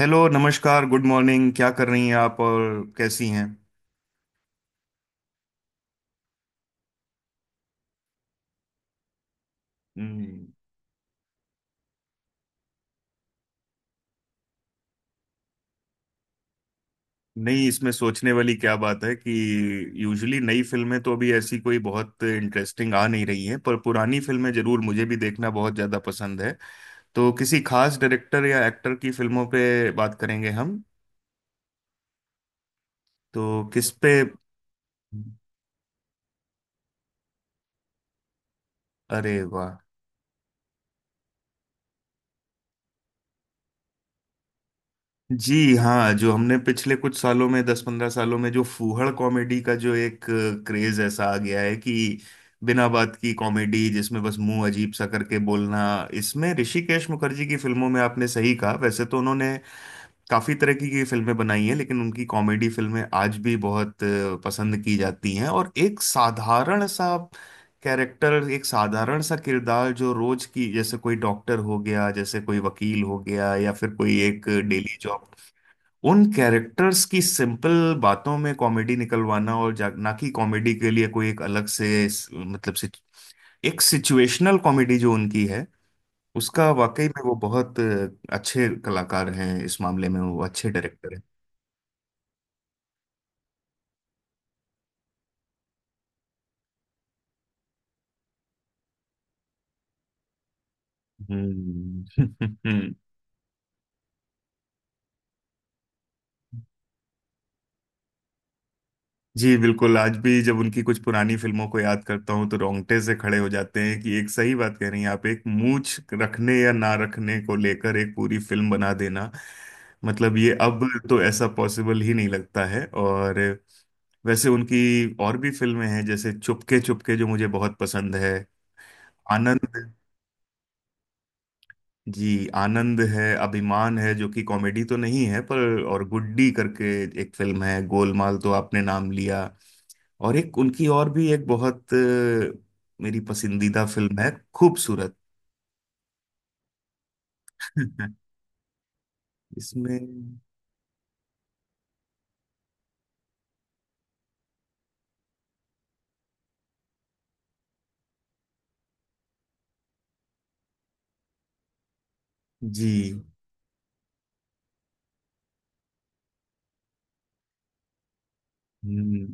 Hello, नमस्कार, good morning. क्या कर रही हैं आप, और कैसी हैं? हम्म। नहीं, इसमें सोचने वाली क्या बात है कि यूजुअली नई फिल्में तो अभी ऐसी कोई बहुत इंटरेस्टिंग आ नहीं रही हैं, पर पुरानी फिल्में जरूर मुझे भी देखना बहुत ज़्यादा पसंद है। तो किसी खास डायरेक्टर या एक्टर की फिल्मों पे बात करेंगे हम? तो किस पे? अरे वाह। जी हाँ, जो हमने पिछले कुछ सालों में, 10 15 सालों में जो फूहड़ कॉमेडी का जो एक क्रेज ऐसा आ गया है कि बिना बात की कॉमेडी जिसमें बस मुंह अजीब सा करके बोलना। इसमें ऋषिकेश मुखर्जी की फिल्मों में आपने सही कहा। वैसे तो उन्होंने काफी तरह की फिल्में बनाई हैं, लेकिन उनकी कॉमेडी फिल्में आज भी बहुत पसंद की जाती हैं। और एक साधारण सा कैरेक्टर, एक साधारण सा किरदार जो रोज की, जैसे कोई डॉक्टर हो गया, जैसे कोई वकील हो गया, या फिर कोई एक डेली जॉब, उन कैरेक्टर्स की सिंपल बातों में कॉमेडी निकलवाना। और ना कि कॉमेडी के लिए कोई एक अलग से मतलब से एक सिचुएशनल कॉमेडी जो उनकी है, उसका वाकई में वो बहुत अच्छे कलाकार हैं। इस मामले में वो अच्छे डायरेक्टर हैं। हम्म। जी, बिल्कुल। आज भी जब उनकी कुछ पुरानी फिल्मों को याद करता हूँ तो रोंगटे से खड़े हो जाते हैं कि एक सही बात कह रही हैं आप। एक मूंछ रखने या ना रखने को लेकर एक पूरी फिल्म बना देना, मतलब ये अब तो ऐसा पॉसिबल ही नहीं लगता है। और वैसे उनकी और भी फिल्में हैं जैसे चुपके चुपके, जो मुझे बहुत पसंद है। आनंद, जी, आनंद है, अभिमान है जो कि कॉमेडी तो नहीं है, पर, और गुड्डी करके एक फिल्म है। गोलमाल तो आपने नाम लिया। और एक उनकी और भी एक बहुत मेरी पसंदीदा फिल्म है, खूबसूरत। इसमें जी। हम्म।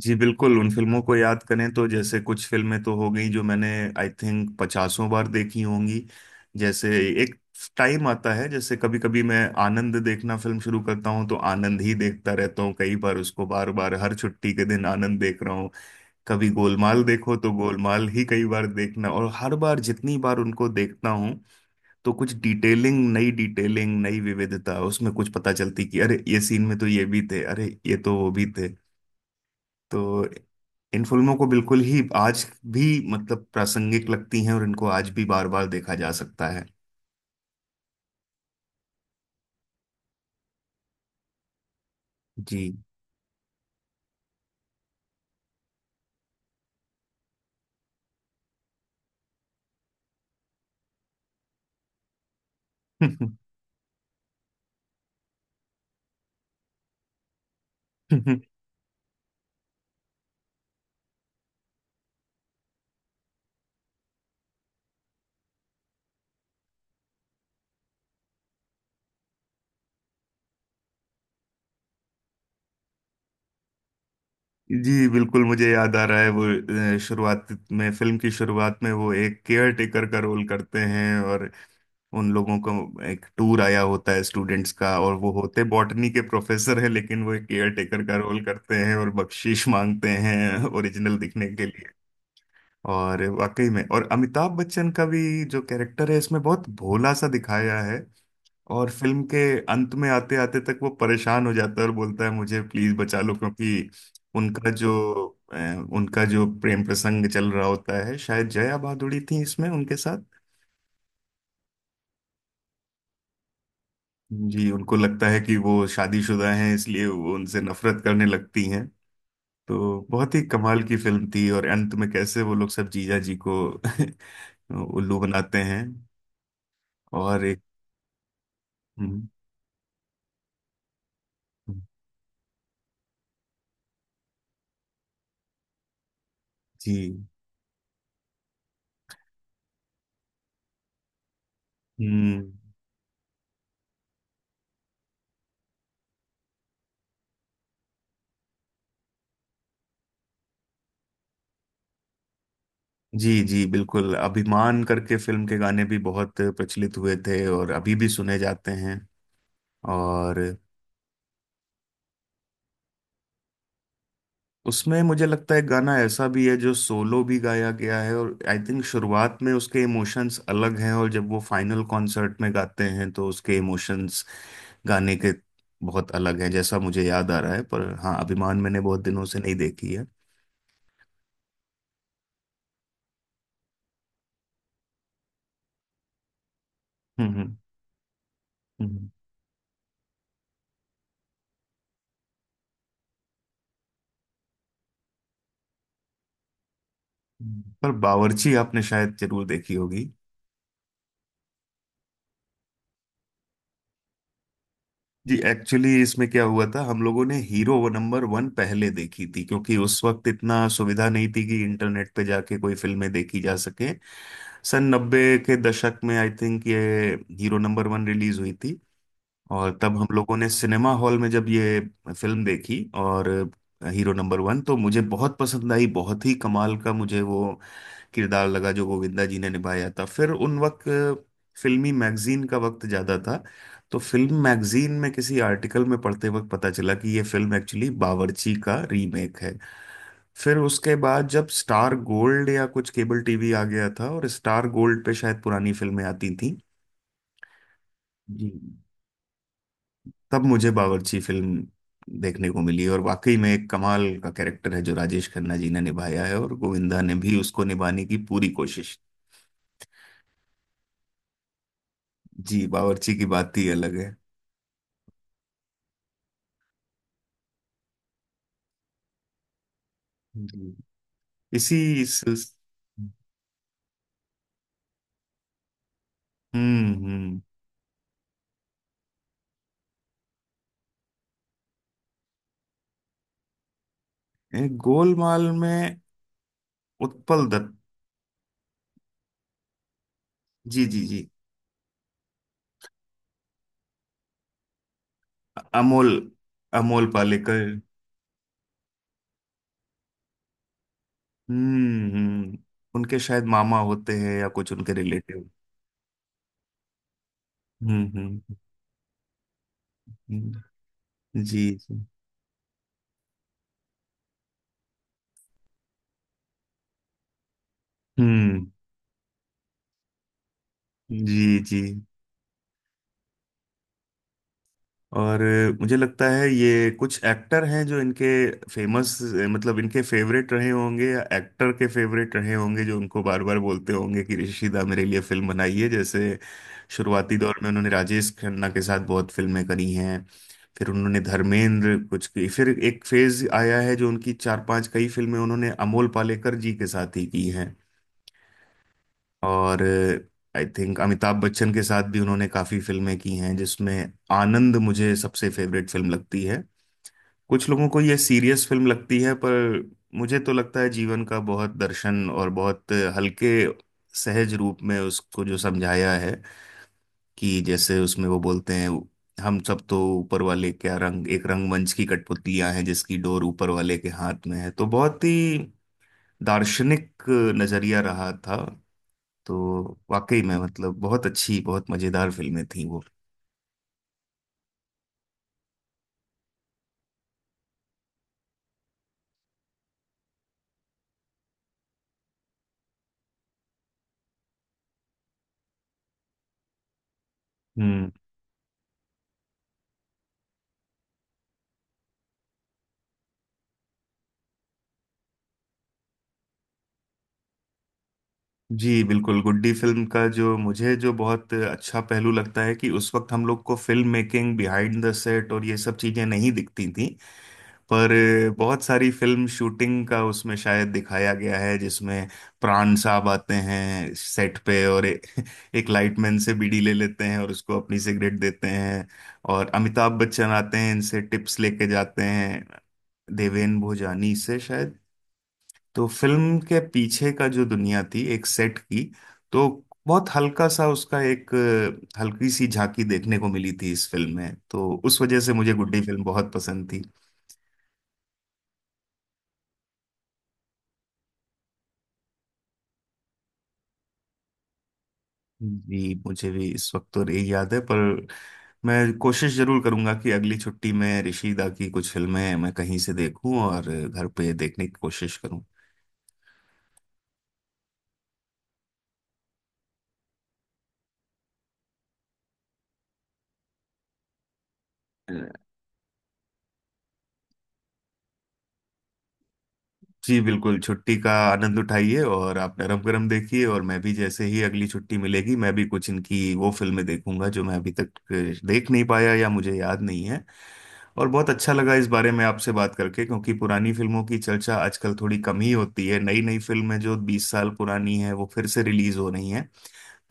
जी, बिल्कुल। उन फिल्मों को याद करें तो जैसे कुछ फिल्में तो हो गई जो मैंने आई थिंक पचासों बार देखी होंगी। जैसे एक टाइम आता है, जैसे कभी कभी मैं आनंद देखना फिल्म शुरू करता हूँ तो आनंद ही देखता रहता हूँ। कई बार उसको बार बार हर छुट्टी के दिन आनंद देख रहा हूँ। कभी गोलमाल देखो तो गोलमाल ही कई बार देखना। और हर बार जितनी बार उनको देखता हूँ तो कुछ डिटेलिंग नई, डिटेलिंग नई विविधता उसमें कुछ पता चलती कि अरे ये सीन में तो ये भी थे, अरे ये तो वो भी थे। तो इन फिल्मों को बिल्कुल ही आज भी मतलब प्रासंगिक लगती हैं और इनको आज भी बार बार देखा जा सकता है। जी। जी, बिल्कुल, मुझे याद आ रहा है वो शुरुआत में, फिल्म की शुरुआत में वो एक केयर टेकर का रोल करते हैं और उन लोगों का एक टूर आया होता है स्टूडेंट्स का, और वो होते बॉटनी के प्रोफेसर हैं लेकिन वो एक केयर टेकर का रोल करते हैं और बख्शीश मांगते हैं ओरिजिनल दिखने के लिए। और वाकई में, और अमिताभ बच्चन का भी जो कैरेक्टर है इसमें, बहुत भोला सा दिखाया है। और फिल्म के अंत में आते आते तक वो परेशान हो जाता है और बोलता है मुझे प्लीज बचा लो, क्योंकि उनका जो अ, उनका जो प्रेम प्रसंग चल रहा होता है, शायद जया भादुड़ी थी इसमें उनके साथ। जी, उनको लगता है कि वो शादीशुदा हैं इसलिए वो उनसे नफरत करने लगती हैं। तो बहुत ही कमाल की फिल्म थी। और अंत में कैसे वो लोग सब जीजा जी को उल्लू बनाते हैं। और एक हम्म। हम्म। जी। हम्म। जी जी, बिल्कुल, अभिमान करके फिल्म के गाने भी बहुत प्रचलित हुए थे और अभी भी सुने जाते हैं। और उसमें मुझे लगता है गाना ऐसा भी है जो सोलो भी गाया गया है, और आई थिंक शुरुआत में उसके इमोशंस अलग हैं और जब वो फाइनल कॉन्सर्ट में गाते हैं तो उसके इमोशंस, गाने के, बहुत अलग हैं, जैसा मुझे याद आ रहा है। पर हाँ, अभिमान मैंने बहुत दिनों से नहीं देखी है। हम्म। हम्म। हम्म। पर बावर्ची आपने शायद जरूर देखी होगी। जी, एक्चुअली इसमें क्या हुआ था, हम लोगों ने हीरो वो नंबर वन पहले देखी थी, क्योंकि उस वक्त इतना सुविधा नहीं थी कि इंटरनेट पे जाके कोई फिल्में देखी जा सके। सन नब्बे के दशक में आई थिंक ये हीरो नंबर वन रिलीज हुई थी, और तब हम लोगों ने सिनेमा हॉल में जब ये फिल्म देखी, और हीरो नंबर वन तो मुझे बहुत पसंद आई। बहुत ही कमाल का मुझे वो किरदार लगा जो गोविंदा जी ने निभाया था। फिर उन वक्त फिल्मी मैगजीन का वक्त ज़्यादा था, तो फिल्म मैगजीन में किसी आर्टिकल में पढ़ते वक्त पता चला कि ये फिल्म एक्चुअली बावर्ची का रीमेक है। फिर उसके बाद जब स्टार गोल्ड या कुछ केबल टीवी आ गया था, और स्टार गोल्ड पे शायद पुरानी फिल्में आती थी। जी, तब मुझे बावर्ची फिल्म देखने को मिली, और वाकई में एक कमाल का कैरेक्टर है जो राजेश खन्ना जी ने निभाया है, और गोविंदा ने भी उसको निभाने की पूरी कोशिश। जी, बावर्ची की बात ही अलग है। जी, इसी इस हम्म। गोलमाल में उत्पल दत्त। जी जी जी। अमोल, अमोल पालेकर। हम्म। उनके शायद मामा होते हैं या कुछ उनके रिलेटिव। हम्म। हम्म। जी जी। हम्म। जी जी। और मुझे लगता है ये कुछ एक्टर हैं जो इनके फेमस, मतलब इनके फेवरेट रहे होंगे, या एक्टर के फेवरेट रहे होंगे, जो उनको बार बार बोलते होंगे कि ऋषिदा मेरे लिए फिल्म बनाइए। जैसे शुरुआती दौर में उन्होंने राजेश खन्ना के साथ बहुत फिल्में करी हैं, फिर उन्होंने धर्मेंद्र कुछ की, फिर एक फेज आया है जो उनकी चार पांच कई फिल्में उन्होंने अमोल पालेकर जी के साथ ही की हैं। और आई थिंक अमिताभ बच्चन के साथ भी उन्होंने काफी फिल्में की हैं, जिसमें आनंद मुझे सबसे फेवरेट फिल्म लगती है। कुछ लोगों को ये सीरियस फिल्म लगती है, पर मुझे तो लगता है जीवन का बहुत दर्शन और बहुत हल्के सहज रूप में उसको जो समझाया है, कि जैसे उसमें वो बोलते हैं हम सब तो ऊपर वाले क्या, रंग, एक रंगमंच की कठपुतलियां हैं जिसकी डोर ऊपर वाले के हाथ में है। तो बहुत ही दार्शनिक नजरिया रहा था। तो वाकई में मतलब बहुत अच्छी, बहुत मजेदार फिल्में थी वो। हम्म। जी, बिल्कुल, गुड्डी फिल्म का जो मुझे, जो बहुत अच्छा पहलू लगता है कि उस वक्त हम लोग को film making, behind the set और ये सब चीजें नहीं दिखती थी, पर बहुत सारी फिल्म शूटिंग का उसमें शायद दिखाया गया है, जिसमें प्राण साहब आते हैं सेट पे और एक लाइटमैन से बीड़ी ले लेते हैं और उसको अपनी सिगरेट देते हैं। और अमिताभ बच्चन आते हैं इनसे टिप्स लेके जाते हैं, देवेन भोजानी से शायद। तो फिल्म के पीछे का जो दुनिया थी एक सेट की, तो बहुत हल्का सा उसका एक हल्की सी झांकी देखने को मिली थी इस फिल्म में, तो उस वजह से मुझे गुड्डी फिल्म बहुत पसंद थी। जी, मुझे भी इस वक्त तो नहीं याद है, पर मैं कोशिश जरूर करूंगा कि अगली छुट्टी में ऋषिदा की कुछ फिल्में मैं कहीं से देखूं, और घर पे देखने की कोशिश करूं। जी, बिल्कुल, छुट्टी का आनंद उठाइए, और आप नरम गरम देखिए, और मैं भी जैसे ही अगली छुट्टी मिलेगी मैं भी कुछ इनकी वो फिल्में देखूंगा जो मैं अभी तक देख नहीं पाया या मुझे याद नहीं है। और बहुत अच्छा लगा इस बारे में आपसे बात करके, क्योंकि पुरानी फिल्मों की चर्चा आजकल थोड़ी कम ही होती है, नई नई फिल्में जो 20 साल पुरानी है वो फिर से रिलीज हो रही हैं।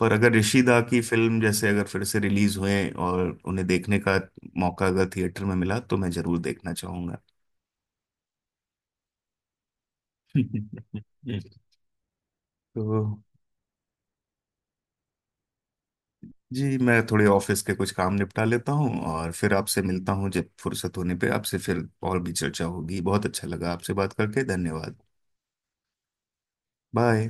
पर अगर ऋषिदा की फिल्म जैसे अगर फिर से रिलीज हुए और उन्हें देखने का मौका अगर थिएटर में मिला तो मैं जरूर देखना चाहूंगा। तो जी, मैं थोड़े ऑफिस के कुछ काम निपटा लेता हूँ और फिर आपसे मिलता हूँ। जब फुर्सत होने पे आपसे फिर और भी चर्चा होगी। बहुत अच्छा लगा आपसे बात करके। धन्यवाद। बाय।